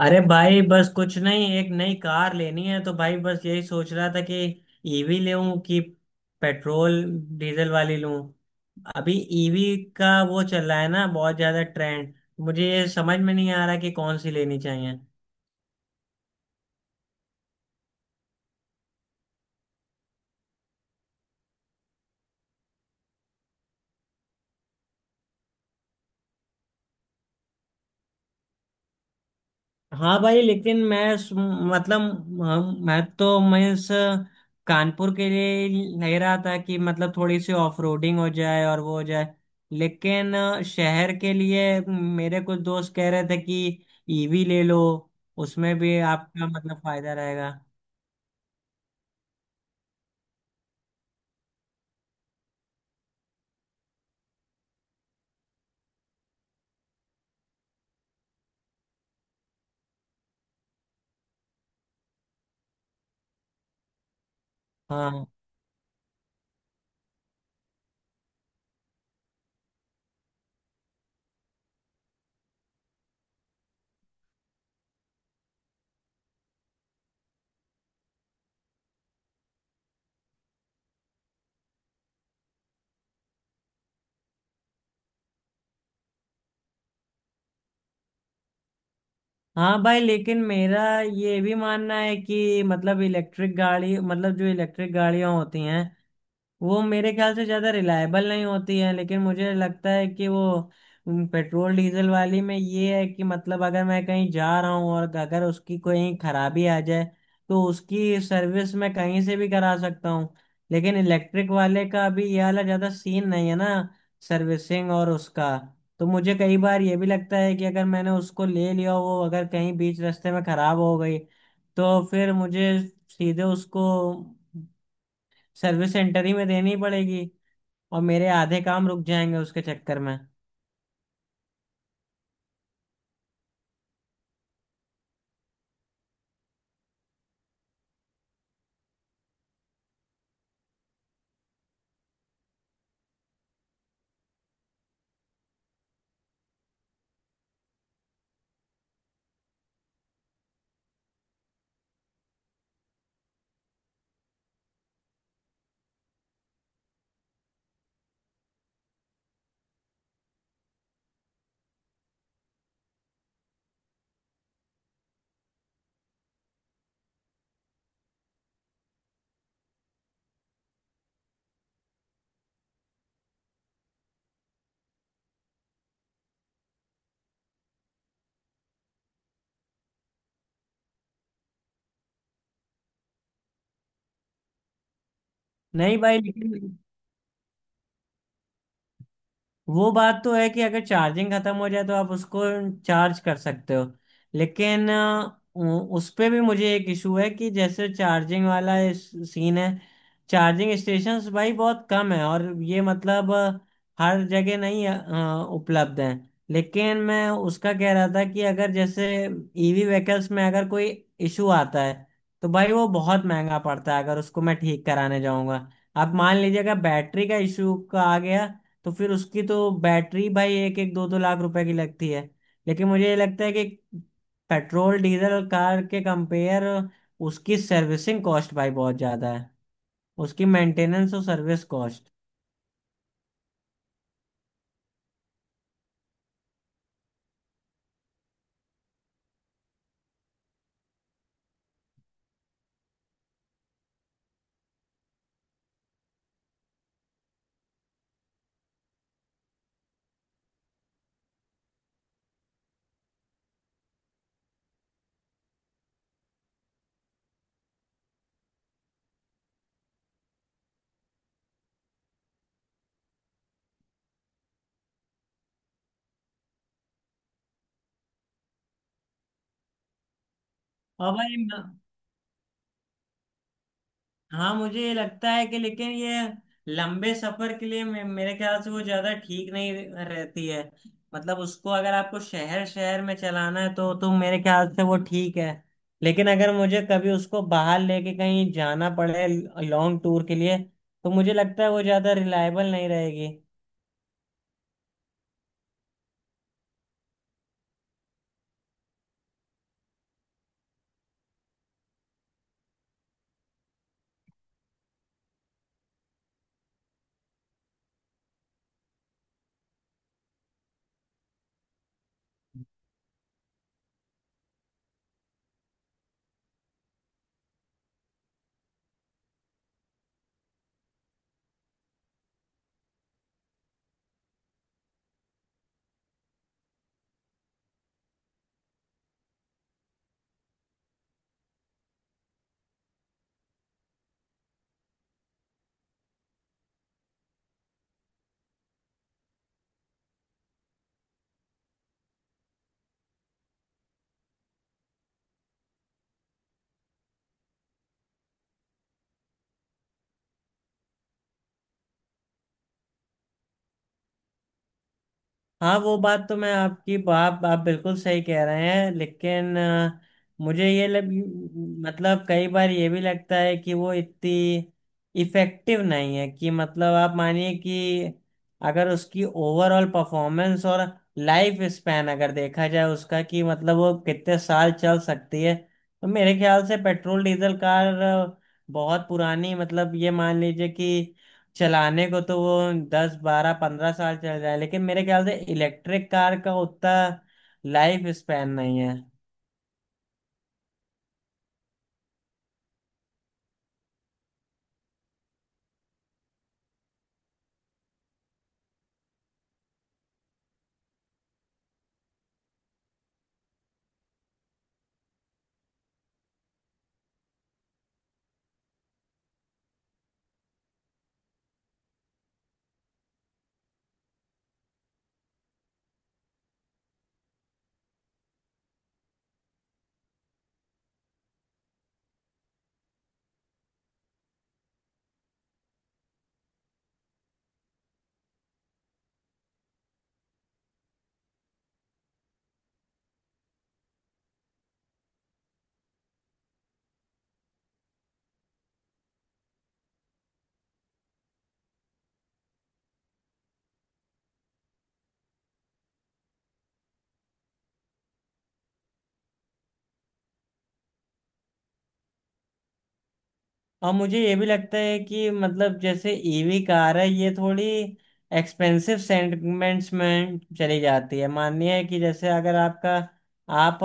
अरे भाई बस कुछ नहीं, एक नई कार लेनी है। तो भाई बस यही सोच रहा था कि ईवी लूं कि पेट्रोल डीजल वाली लूं। अभी ईवी का वो चल रहा है ना, बहुत ज्यादा ट्रेंड। मुझे ये समझ में नहीं आ रहा कि कौन सी लेनी चाहिए। हाँ भाई, लेकिन मतलब हम मैं तो मैं इस कानपुर के लिए ले रहा था कि मतलब थोड़ी सी ऑफ रोडिंग हो जाए और वो हो जाए। लेकिन शहर के लिए मेरे कुछ दोस्त कह रहे थे कि ईवी ले लो, उसमें भी आपका मतलब फायदा रहेगा। हाँ, हाँ भाई, लेकिन मेरा ये भी मानना है कि मतलब इलेक्ट्रिक गाड़ी, मतलब जो इलेक्ट्रिक गाड़ियाँ होती हैं वो मेरे ख्याल से ज़्यादा रिलायबल नहीं होती है। लेकिन मुझे लगता है कि वो पेट्रोल डीजल वाली में ये है कि मतलब अगर मैं कहीं जा रहा हूँ और अगर उसकी कोई खराबी आ जाए तो उसकी सर्विस मैं कहीं से भी करा सकता हूँ। लेकिन इलेक्ट्रिक वाले का अभी ये वाला ज़्यादा सीन नहीं है ना, सर्विसिंग और उसका। तो मुझे कई बार ये भी लगता है कि अगर मैंने उसको ले लिया, वो अगर कहीं बीच रास्ते में ख़राब हो गई तो फिर मुझे सीधे उसको सर्विस सेंटर ही में देनी पड़ेगी, और मेरे आधे काम रुक जाएंगे उसके चक्कर में। नहीं भाई, लेकिन वो बात तो है कि अगर चार्जिंग खत्म हो जाए तो आप उसको चार्ज कर सकते हो। लेकिन उस पे भी मुझे एक इशू है कि जैसे चार्जिंग वाला सीन है, चार्जिंग स्टेशंस भाई बहुत कम है, और ये मतलब हर जगह नहीं उपलब्ध है। लेकिन मैं उसका कह रहा था कि अगर जैसे ईवी व्हीकल्स में अगर कोई इशू आता है तो भाई वो बहुत महंगा पड़ता है अगर उसको मैं ठीक कराने जाऊंगा। अब मान लीजिए अगर बैटरी का इशू का आ गया, तो फिर उसकी तो बैटरी भाई 1-1 2-2 लाख रुपए की लगती है। लेकिन मुझे ये लगता है कि पेट्रोल डीजल और कार के कंपेयर उसकी सर्विसिंग कॉस्ट भाई बहुत ज्यादा है, उसकी मेंटेनेंस और सर्विस कॉस्ट। और भाई म- हाँ, मुझे ये लगता है कि लेकिन ये लंबे सफर के लिए मेरे ख्याल से वो ज्यादा ठीक नहीं रहती है। मतलब उसको अगर आपको शहर शहर में चलाना है तो मेरे ख्याल से वो ठीक है। लेकिन अगर मुझे कभी उसको बाहर लेके कहीं जाना पड़े, लॉन्ग टूर के लिए, तो मुझे लगता है वो ज्यादा रिलायबल नहीं रहेगी। हाँ, वो बात तो मैं आपकी, आप बिल्कुल सही कह रहे हैं। लेकिन मुझे ये लग, मतलब कई बार ये भी लगता है कि वो इतनी इफेक्टिव नहीं है, कि मतलब आप मानिए कि अगर उसकी ओवरऑल परफॉर्मेंस और लाइफ स्पैन अगर देखा जाए उसका, कि मतलब वो कितने साल चल सकती है, तो मेरे ख्याल से पेट्रोल डीजल कार बहुत पुरानी, मतलब ये मान लीजिए कि चलाने को तो वो 10, 12, 15 साल चल जाए, लेकिन मेरे ख्याल से इलेक्ट्रिक कार का उतना लाइफ स्पैन नहीं है। और मुझे ये भी लगता है कि मतलब जैसे ईवी कार है, ये थोड़ी एक्सपेंसिव सेगमेंट्स में चली जाती है। मानिए कि जैसे अगर आपका, आप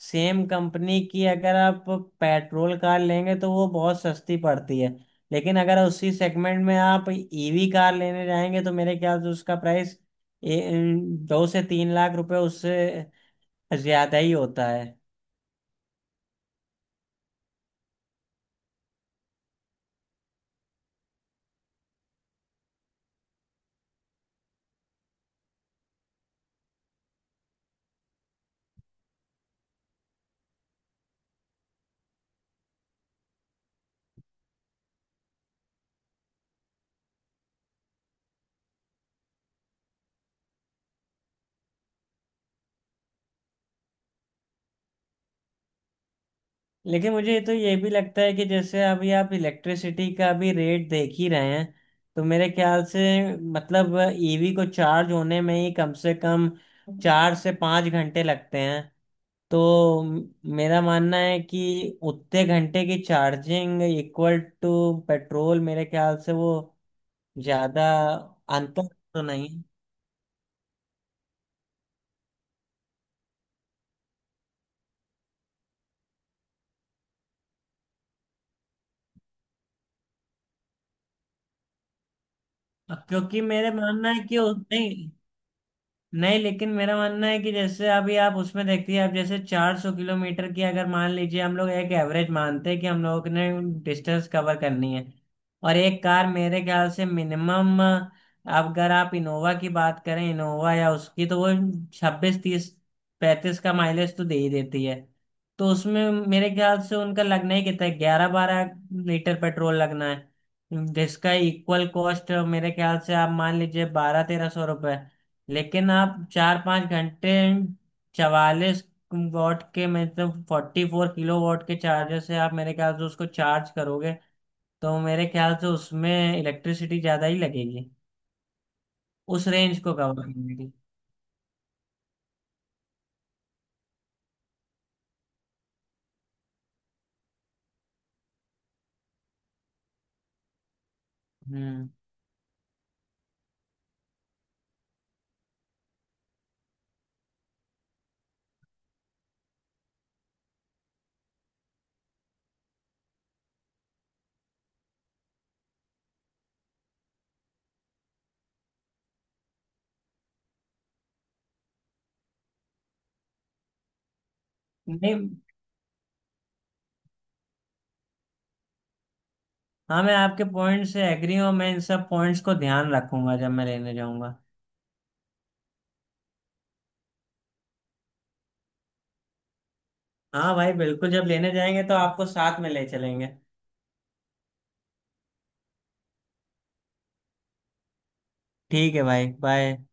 सेम कंपनी की अगर आप पेट्रोल कार लेंगे तो वो बहुत सस्ती पड़ती है, लेकिन अगर उसी सेगमेंट में आप ईवी कार लेने जाएंगे तो मेरे ख्याल से उसका प्राइस 2 से 3 लाख रुपए उससे ज्यादा ही होता है। लेकिन मुझे तो ये भी लगता है कि जैसे अभी आप इलेक्ट्रिसिटी का भी रेट देख ही रहे हैं, तो मेरे ख्याल से, मतलब ईवी को चार्ज होने में ही कम से कम 4 से 5 घंटे लगते हैं। तो मेरा मानना है कि उतने घंटे की चार्जिंग इक्वल टू पेट्रोल, मेरे ख्याल से वो ज़्यादा अंतर तो नहीं है। क्योंकि मेरे मानना है कि नहीं, नहीं, लेकिन मेरा मानना है कि जैसे अभी आप उसमें देखती है, आप जैसे 400 किलोमीटर की, अगर मान लीजिए हम लोग एक एवरेज मानते हैं कि हम लोगों ने डिस्टेंस कवर करनी है, और एक कार मेरे ख्याल से मिनिमम, अगर आप इनोवा की बात करें, इनोवा या उसकी, तो वो 26, 30, 35 का माइलेज तो दे ही देती है। तो उसमें मेरे ख्याल से उनका लगना ही कितना है, 11, 12 लीटर पेट्रोल लगना है, जिसका इक्वल कॉस्ट मेरे ख्याल से आप मान लीजिए 1200, 1300 रुपए। लेकिन आप 4, 5 घंटे 44 वॉट के, मतलब 44 किलोवॉट के चार्जर से आप मेरे ख्याल से उसको चार्ज करोगे, तो मेरे ख्याल से उसमें इलेक्ट्रिसिटी ज़्यादा ही लगेगी, उस रेंज को कवर करने की। हम्म। नहीं, हाँ, मैं आपके पॉइंट से एग्री हूँ। मैं इन सब पॉइंट्स को ध्यान रखूंगा जब मैं लेने जाऊंगा। हाँ भाई, बिल्कुल, जब लेने जाएंगे तो आपको साथ में ले चलेंगे। ठीक है भाई, बाय।